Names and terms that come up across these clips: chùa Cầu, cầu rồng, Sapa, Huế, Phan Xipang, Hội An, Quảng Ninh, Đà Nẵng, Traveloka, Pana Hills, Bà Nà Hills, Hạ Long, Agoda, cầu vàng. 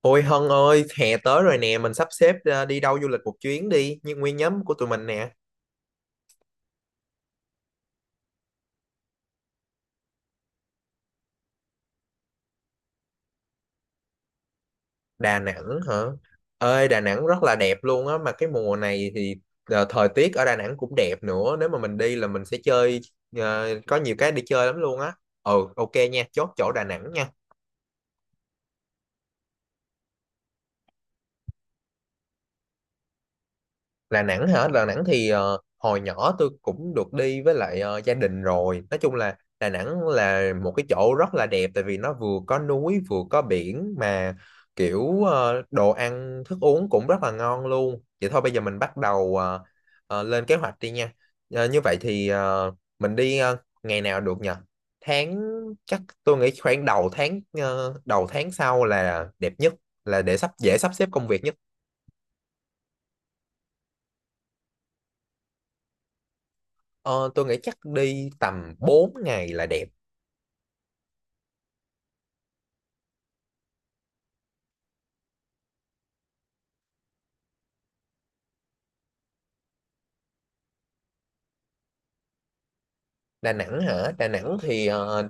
Ôi Hân ơi, hè tới rồi nè, mình sắp xếp ra đi đâu du lịch một chuyến đi, như nguyên nhóm của tụi mình nè. Đà Nẵng hả? Ơi, Đà Nẵng rất là đẹp luôn á, mà cái mùa này thì thời tiết ở Đà Nẵng cũng đẹp nữa, nếu mà mình đi là mình sẽ chơi, có nhiều cái để chơi lắm luôn á. Ừ, ok nha, chốt chỗ Đà Nẵng nha. Đà Nẵng hả? Đà Nẵng thì hồi nhỏ tôi cũng được đi với lại gia đình rồi. Nói chung là Đà Nẵng là một cái chỗ rất là đẹp, tại vì nó vừa có núi vừa có biển, mà kiểu đồ ăn thức uống cũng rất là ngon luôn. Vậy thôi bây giờ mình bắt đầu lên kế hoạch đi nha. Ờ, như vậy thì mình đi ngày nào được nhỉ? Tháng Chắc tôi nghĩ khoảng đầu tháng, đầu tháng sau là đẹp nhất, là để sắp dễ sắp xếp công việc nhất. Ờ, tôi nghĩ chắc đi tầm 4 ngày là đẹp. Đà Nẵng hả? Đà Nẵng thì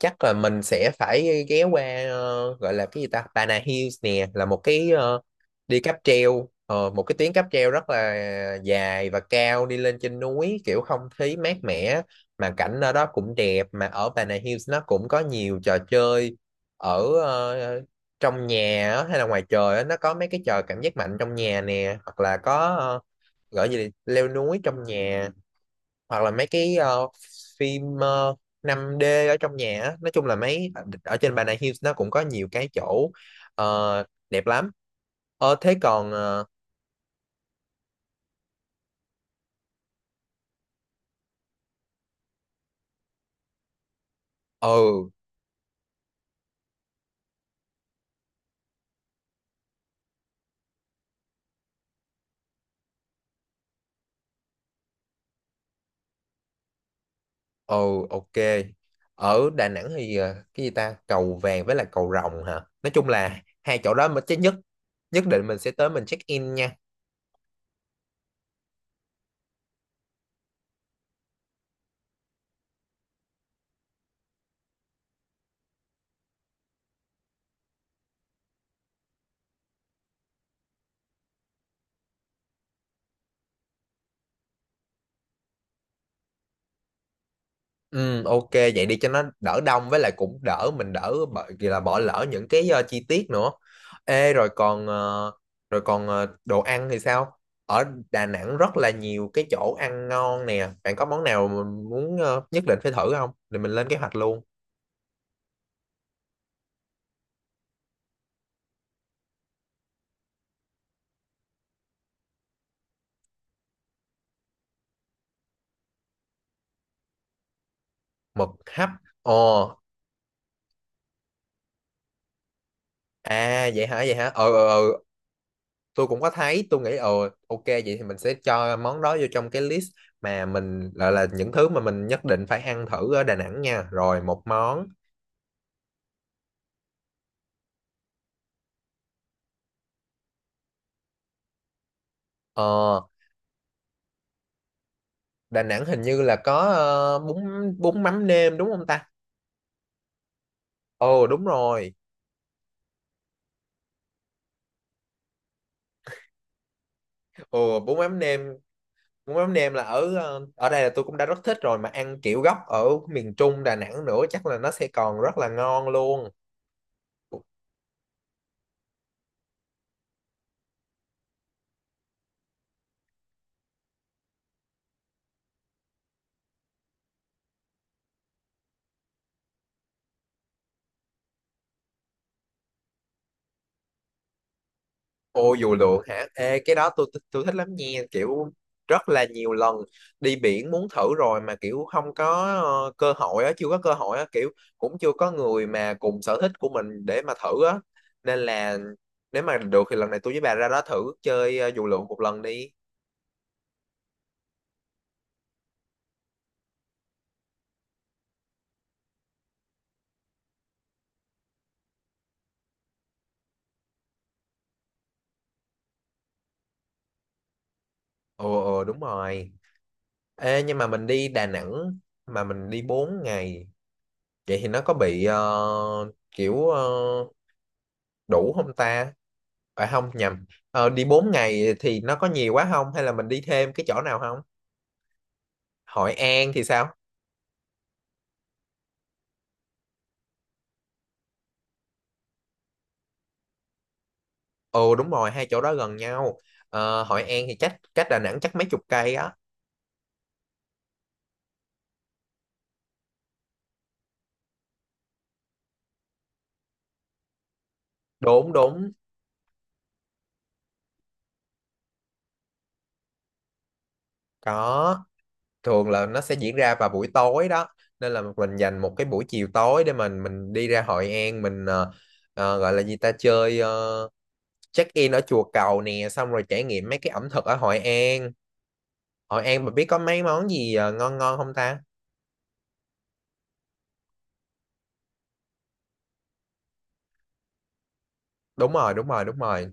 chắc là mình sẽ phải ghé qua, gọi là cái gì ta? Pana Hills nè, là một cái đi cáp treo, một cái tuyến cáp treo rất là dài và cao đi lên trên núi, kiểu không khí mát mẻ mà cảnh ở đó cũng đẹp, mà ở Pana Hills nó cũng có nhiều trò chơi ở trong nhà á, hay là ngoài trời á, nó có mấy cái trò cảm giác mạnh trong nhà nè, hoặc là có gọi gì là leo núi trong nhà, hoặc là mấy cái phim 5D ở trong nhà á. Nói chung là mấy, ở trên Bà Nà Hills nó cũng có nhiều cái chỗ ờ, đẹp lắm. Ờ thế còn ờ Ừ, ừ, ok. Ở Đà Nẵng thì cái gì ta, cầu vàng với là cầu rồng hả, nói chung là hai chỗ đó mà chắc nhất. Nhất định mình sẽ tới, mình check in nha. Ừ, ok vậy đi cho nó đỡ đông, với lại cũng đỡ mình, đỡ bỏ, vì là bỏ lỡ những cái chi tiết nữa. Ê, rồi còn đồ ăn thì sao? Ở Đà Nẵng rất là nhiều cái chỗ ăn ngon nè. Bạn có món nào mình muốn nhất định phải thử không? Thì mình lên kế hoạch luôn. Mực hấp. Ồ, à vậy hả, vậy hả? Ờ, tôi cũng có thấy, tôi nghĩ ok vậy thì mình sẽ cho món đó vô trong cái list mà mình gọi là những thứ mà mình nhất định phải ăn thử ở Đà Nẵng nha. Rồi một món Ờ, Đà Nẵng hình như là có bún bún mắm nêm đúng không ta? Ồ đúng rồi. Ồ bún mắm nêm là ở ở đây là tôi cũng đã rất thích rồi, mà ăn kiểu gốc ở miền Trung Đà Nẵng nữa chắc là nó sẽ còn rất là ngon luôn. Ô, dù lượn hả? Ê, cái đó tôi thích lắm nha, kiểu rất là nhiều lần đi biển muốn thử rồi mà kiểu không có cơ hội á, chưa có cơ hội á, kiểu cũng chưa có người mà cùng sở thích của mình để mà thử á. Nên là nếu mà được thì lần này tôi với bà ra đó thử chơi dù lượn một lần đi. Ồ ồ đúng rồi. Ê nhưng mà mình đi Đà Nẵng mà mình đi 4 ngày, vậy thì nó có bị kiểu đủ không ta? À không, nhầm. Đi 4 ngày thì nó có nhiều quá không, hay là mình đi thêm cái chỗ nào không? Hội An thì sao? Ồ đúng rồi, hai chỗ đó gần nhau. Hội An thì cách cách Đà Nẵng chắc mấy chục cây á. Đúng, đúng. Có, thường là nó sẽ diễn ra vào buổi tối đó. Nên là mình dành một cái buổi chiều tối để mình đi ra Hội An, mình gọi là gì ta, chơi check in ở chùa Cầu nè, xong rồi trải nghiệm mấy cái ẩm thực ở Hội An. Hội An mà biết có mấy món gì ngon ngon không ta? Đúng rồi, đúng rồi, đúng rồi.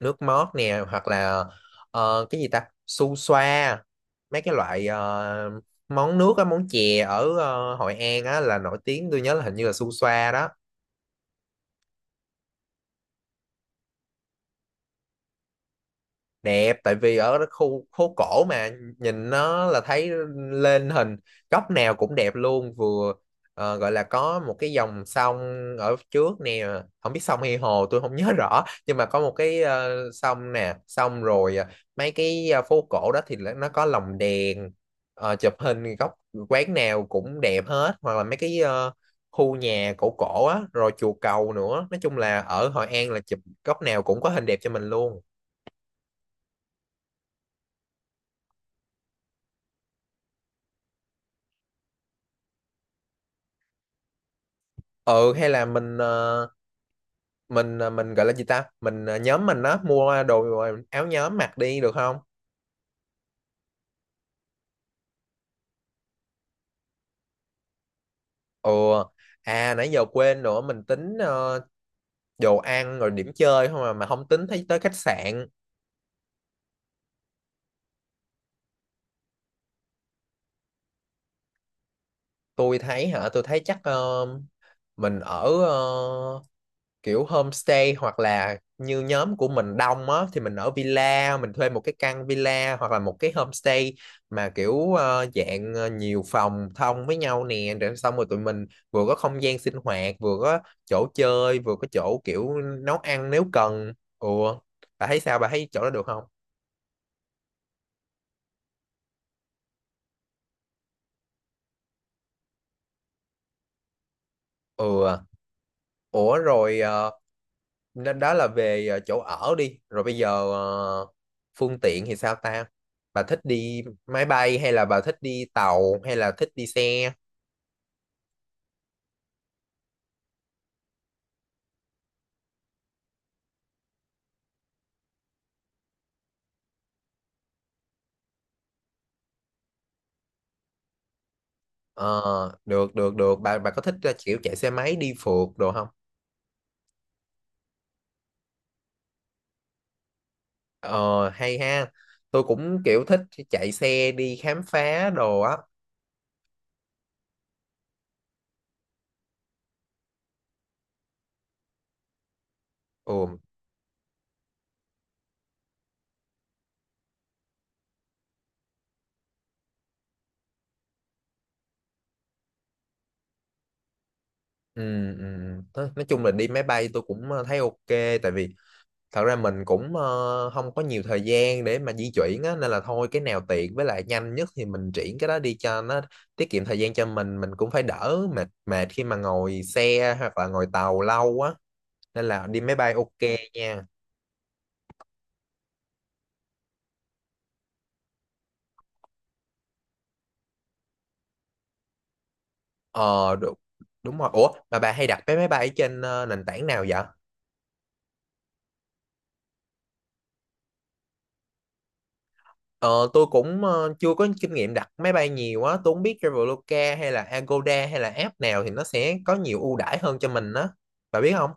Nước mót nè, hoặc là cái gì ta, su xoa. Mấy cái loại món nước á, món chè ở Hội An á là nổi tiếng, tôi nhớ là hình như là su xoa đó. Đẹp, tại vì ở cái khu phố cổ mà, nhìn nó là thấy lên hình góc nào cũng đẹp luôn, vừa gọi là có một cái dòng sông ở trước nè, không biết sông hay hồ tôi không nhớ rõ, nhưng mà có một cái sông nè, xong rồi mấy cái phố cổ đó nó có lồng đèn. Ờ, chụp hình góc quán nào cũng đẹp hết, hoặc là mấy cái khu nhà cổ cổ á, rồi chùa cầu nữa, nói chung là ở Hội An là chụp góc nào cũng có hình đẹp cho mình luôn. Ừ, hay là mình gọi là gì ta, mình nhóm mình á mua đồ, áo nhóm mặc đi được không? Ừ, à nãy giờ quên nữa, mình tính đồ ăn rồi điểm chơi không, mà không tính thấy tới khách sạn. Tôi thấy hả? Tôi thấy chắc mình ở kiểu homestay, hoặc là như nhóm của mình đông á thì mình ở villa, mình thuê một cái căn villa hoặc là một cái homestay mà kiểu dạng nhiều phòng thông với nhau nè, rồi xong rồi tụi mình vừa có không gian sinh hoạt, vừa có chỗ chơi, vừa có chỗ kiểu nấu ăn nếu cần. Ừ, bà thấy sao, bà thấy chỗ đó được không? Ừ, à. Ủa rồi nên đó là về chỗ ở đi, rồi bây giờ phương tiện thì sao ta, bà thích đi máy bay hay là bà thích đi tàu hay là thích đi xe? Ờ, được, được, được. Bà có thích kiểu chạy xe máy đi phượt đồ không? Ờ hay ha, tôi cũng kiểu thích chạy xe đi khám phá đồ á. Ừ, ừ, ừ. Nói chung là đi máy bay tôi cũng thấy ok. Tại vì thật ra mình cũng không có nhiều thời gian để mà di chuyển á, nên là thôi cái nào tiện với lại nhanh nhất thì mình triển cái đó đi, cho nó tiết kiệm thời gian cho mình cũng phải đỡ, mệt mệt khi mà ngồi xe hoặc là ngồi tàu lâu á, nên là đi máy bay ok nha. Ờ đúng, đúng rồi. Ủa mà bà hay đặt vé máy bay trên nền tảng nào vậy? Ờ, tôi cũng chưa có kinh nghiệm đặt máy bay nhiều á, tôi không biết Traveloka hay là Agoda hay là app nào thì nó sẽ có nhiều ưu đãi hơn cho mình á, bà biết không?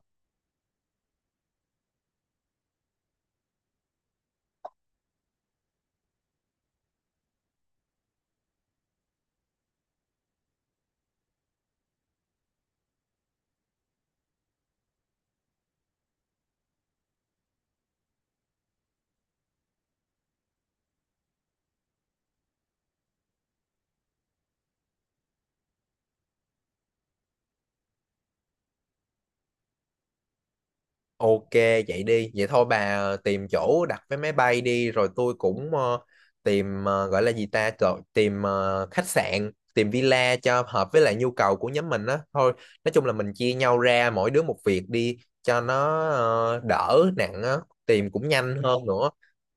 Ok vậy đi, vậy thôi bà tìm chỗ đặt vé máy bay đi. Rồi tôi cũng tìm, gọi là gì ta, trời, tìm khách sạn, tìm villa cho hợp với lại nhu cầu của nhóm mình á. Thôi nói chung là mình chia nhau ra, mỗi đứa một việc đi, cho nó đỡ nặng á, tìm cũng nhanh hơn nữa.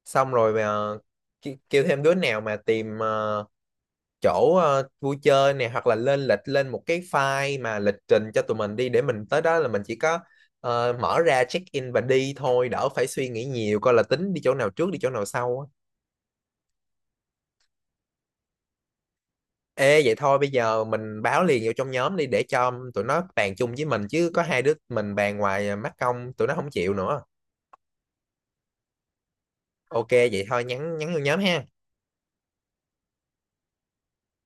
Xong rồi mà kêu thêm đứa nào mà tìm chỗ vui chơi nè, hoặc là lên lịch, lên một cái file mà lịch trình cho tụi mình đi, để mình tới đó là mình chỉ có mở ra check in và đi thôi, đỡ phải suy nghĩ nhiều coi là tính đi chỗ nào trước, đi chỗ nào sau á. Ê vậy thôi bây giờ mình báo liền vô trong nhóm đi, để cho tụi nó bàn chung với mình, chứ có hai đứa mình bàn ngoài mắc công tụi nó không chịu nữa. Ok vậy thôi nhắn nhắn vô nhóm ha.